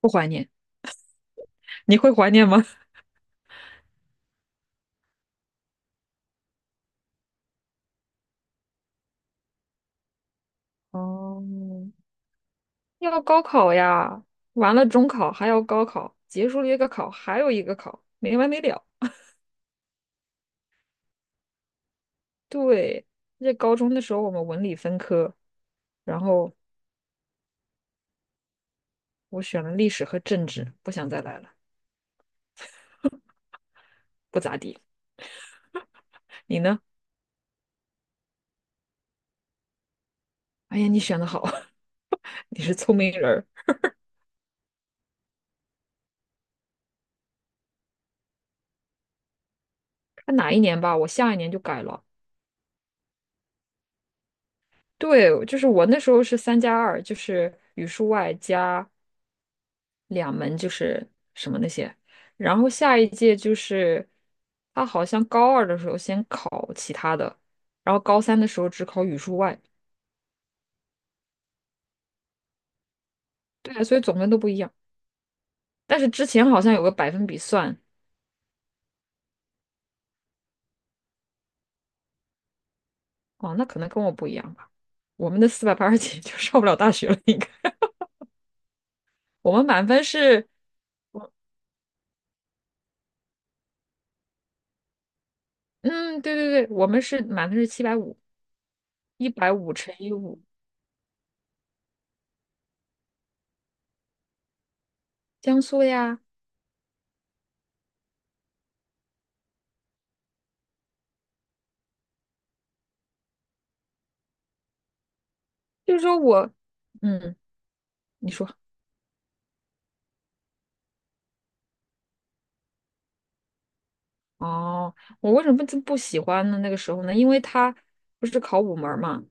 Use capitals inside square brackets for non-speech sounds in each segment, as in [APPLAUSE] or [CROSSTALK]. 不怀念。你会怀念吗？[LAUGHS] 哦，要高考呀，完了中考还要高考，结束了一个考还有一个考，没完没了。对，在高中的时候我们文理分科，然后我选了历史和政治，不想再来了，不咋地。你呢？哎呀，你选的好，[LAUGHS] 你是聪明人儿。看哪一年吧，我下一年就改了。对，就是我那时候是三加二，就是语数外加两门就是什么那些，然后下一届就是他好像高二的时候先考其他的，然后高三的时候只考语数外，对啊，所以总分都不一样。但是之前好像有个百分比算，哦，那可能跟我不一样吧。我们的四百八十几 [LAUGHS] 就上不了大学了，应该。我们满分是，嗯，对对对，我们是满分是七百五，一百五乘以五，江苏的呀。就是说我，嗯，你说。哦，我为什么就不喜欢呢？那个时候呢，因为他不是考五门儿嘛，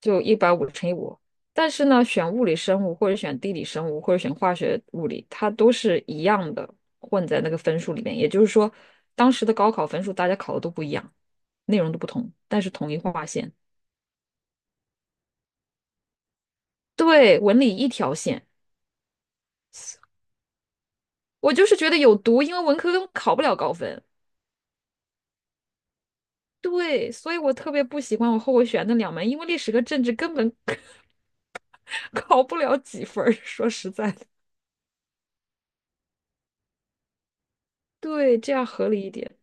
就一百五乘以五。但是呢，选物理生物或者选地理生物或者选化学物理，它都是一样的，混在那个分数里面。也就是说，当时的高考分数大家考的都不一样，内容都不同，但是统一划线。对，文理一条线。我就是觉得有毒，因为文科根本考不了高分。对，所以我特别不喜欢我后悔选那两门，因为历史和政治根本 [LAUGHS] 考不了几分儿。说实在的，对，这样合理一点。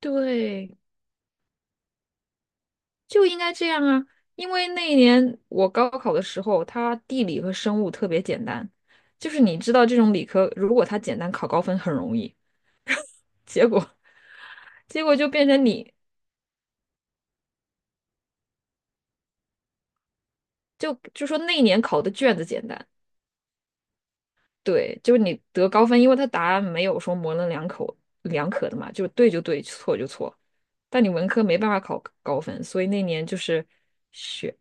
对，就应该这样啊。因为那一年我高考的时候，它地理和生物特别简单，就是你知道这种理科，如果它简单，考高分很容易。结果，[LAUGHS] 结果就变成你就说那一年考的卷子简单，对，就是你得高分，因为它答案没有说模棱两可两可的嘛，就是对就对，错就错。但你文科没办法考高分，所以那年就是学，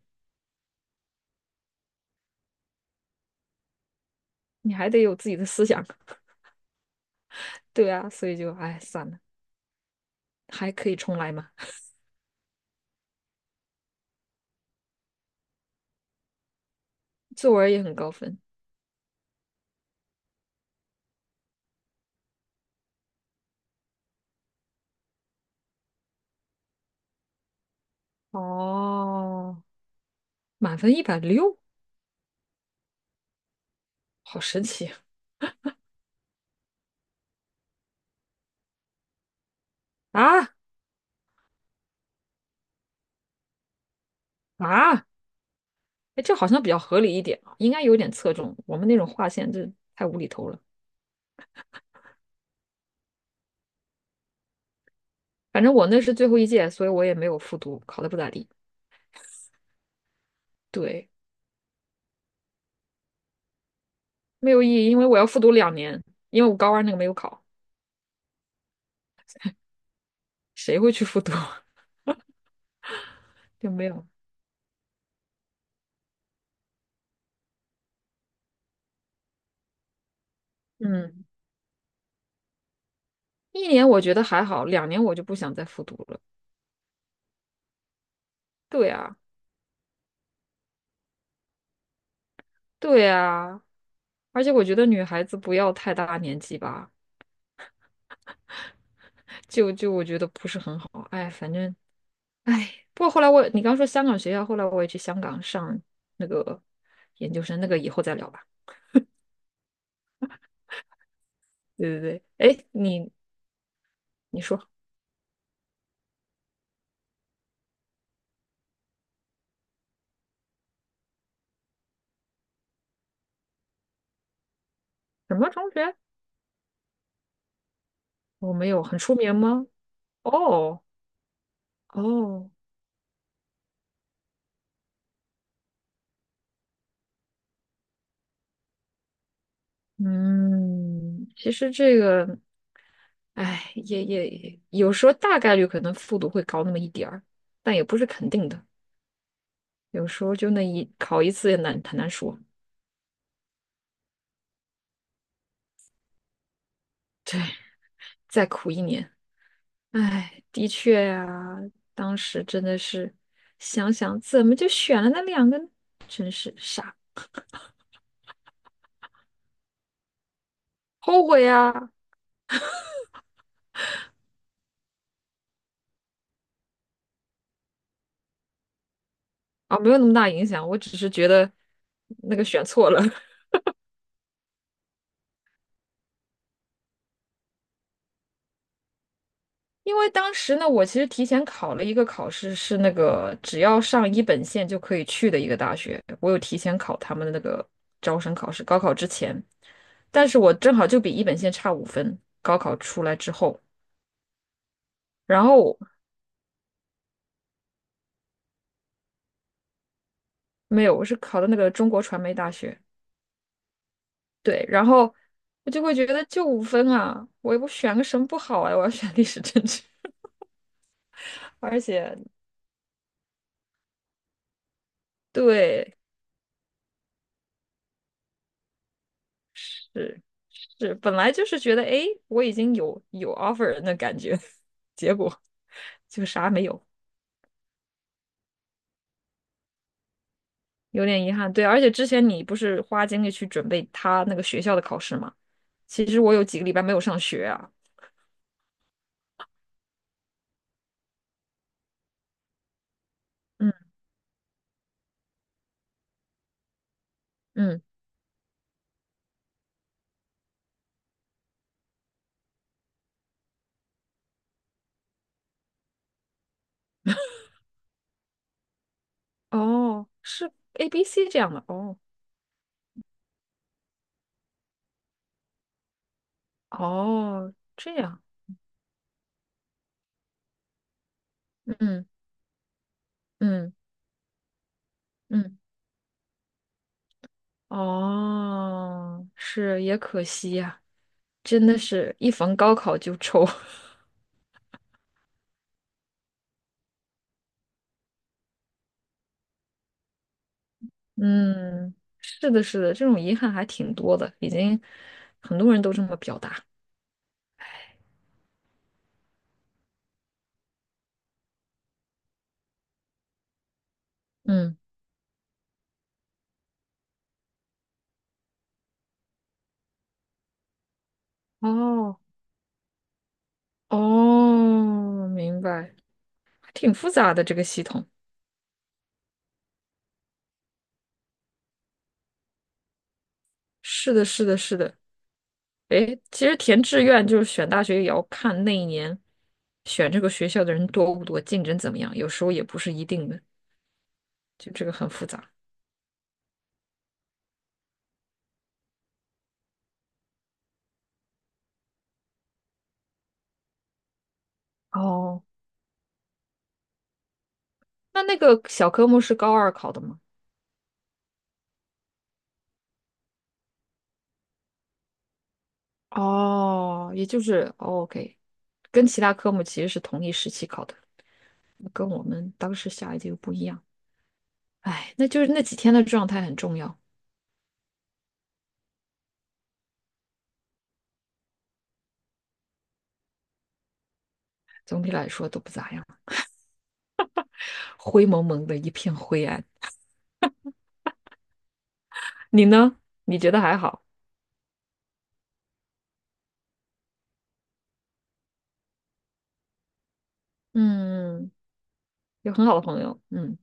你还得有自己的思想。[LAUGHS] 对啊，所以就哎算了，还可以重来嘛。作文也很高分，哦，满分一百六，好神奇啊啊！啊哎，这好像比较合理一点啊，应该有点侧重。我们那种划线，这太无厘头了。反正我那是最后一届，所以我也没有复读，考的不咋地。对。没有意义，因为我要复读两年，因为我高二那个没有考，谁会去复读？[LAUGHS] 就没有。嗯，一年我觉得还好，两年我就不想再复读了。对啊，对啊，而且我觉得女孩子不要太大年纪吧，就我觉得不是很好。哎，反正哎，不过后来你刚说香港学校，后来我也去香港上那个研究生，那个以后再聊吧。对对对，哎，你说什么中学？我没有很出名吗？哦哦。嗯，其实这个，哎，也有时候大概率可能复读会高那么一点儿，但也不是肯定的。有时候就那一考一次也难，很难说，再苦一年。哎，的确呀、当时真的是想想怎么就选了那两个呢，真是傻，后悔呀！啊，没有那么大影响，我只是觉得那个选错了。[LAUGHS] 因为当时呢，我其实提前考了一个考试，是那个只要上一本线就可以去的一个大学，我有提前考他们的那个招生考试，高考之前，但是我正好就比一本线差五分，高考出来之后，然后没有，我是考的那个中国传媒大学，对，然后我就会觉得就五分啊，我选个什么不好啊，我要选历史政治，[LAUGHS] 而且对。是。是本来就是觉得，哎，我已经有 offer 人的感觉，[LAUGHS] 结果就啥没有，有点遗憾。对，而且之前你不是花精力去准备他那个学校的考试吗？其实我有几个礼拜没有上学啊。嗯嗯，哦，是 A、B、C 这样的，哦哦，这样，嗯嗯嗯，哦，是也可惜呀、真的是一逢高考就抽。[LAUGHS] 嗯，是的，是的，这种遗憾还挺多的，已经很多人都这么表达。嗯，哦，哦，明白，挺复杂的这个系统。是的，是的，是的。诶，其实填志愿就是选大学，也要看那一年选这个学校的人多不多，竞争怎么样，有时候也不是一定的，就这个很复杂。哦，那那个小科目是高二考的吗？哦，也就是哦，OK，跟其他科目其实是同一时期考的。跟我们当时下一届又不一样。哎，那就是那几天的状态很重要，总体来说都不咋样，灰蒙蒙的一片灰暗。你呢？你觉得还好？嗯，有很好的朋友，嗯，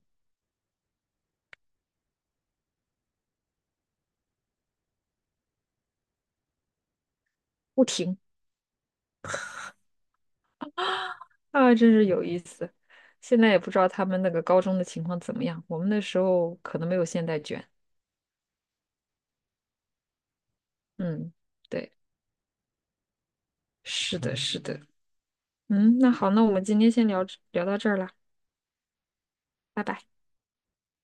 不停啊，真是有意思。现在也不知道他们那个高中的情况怎么样，我们那时候可能没有现在卷。嗯，对，是的，是的。嗯，那好，那我们今天先聊聊到这儿了，拜拜。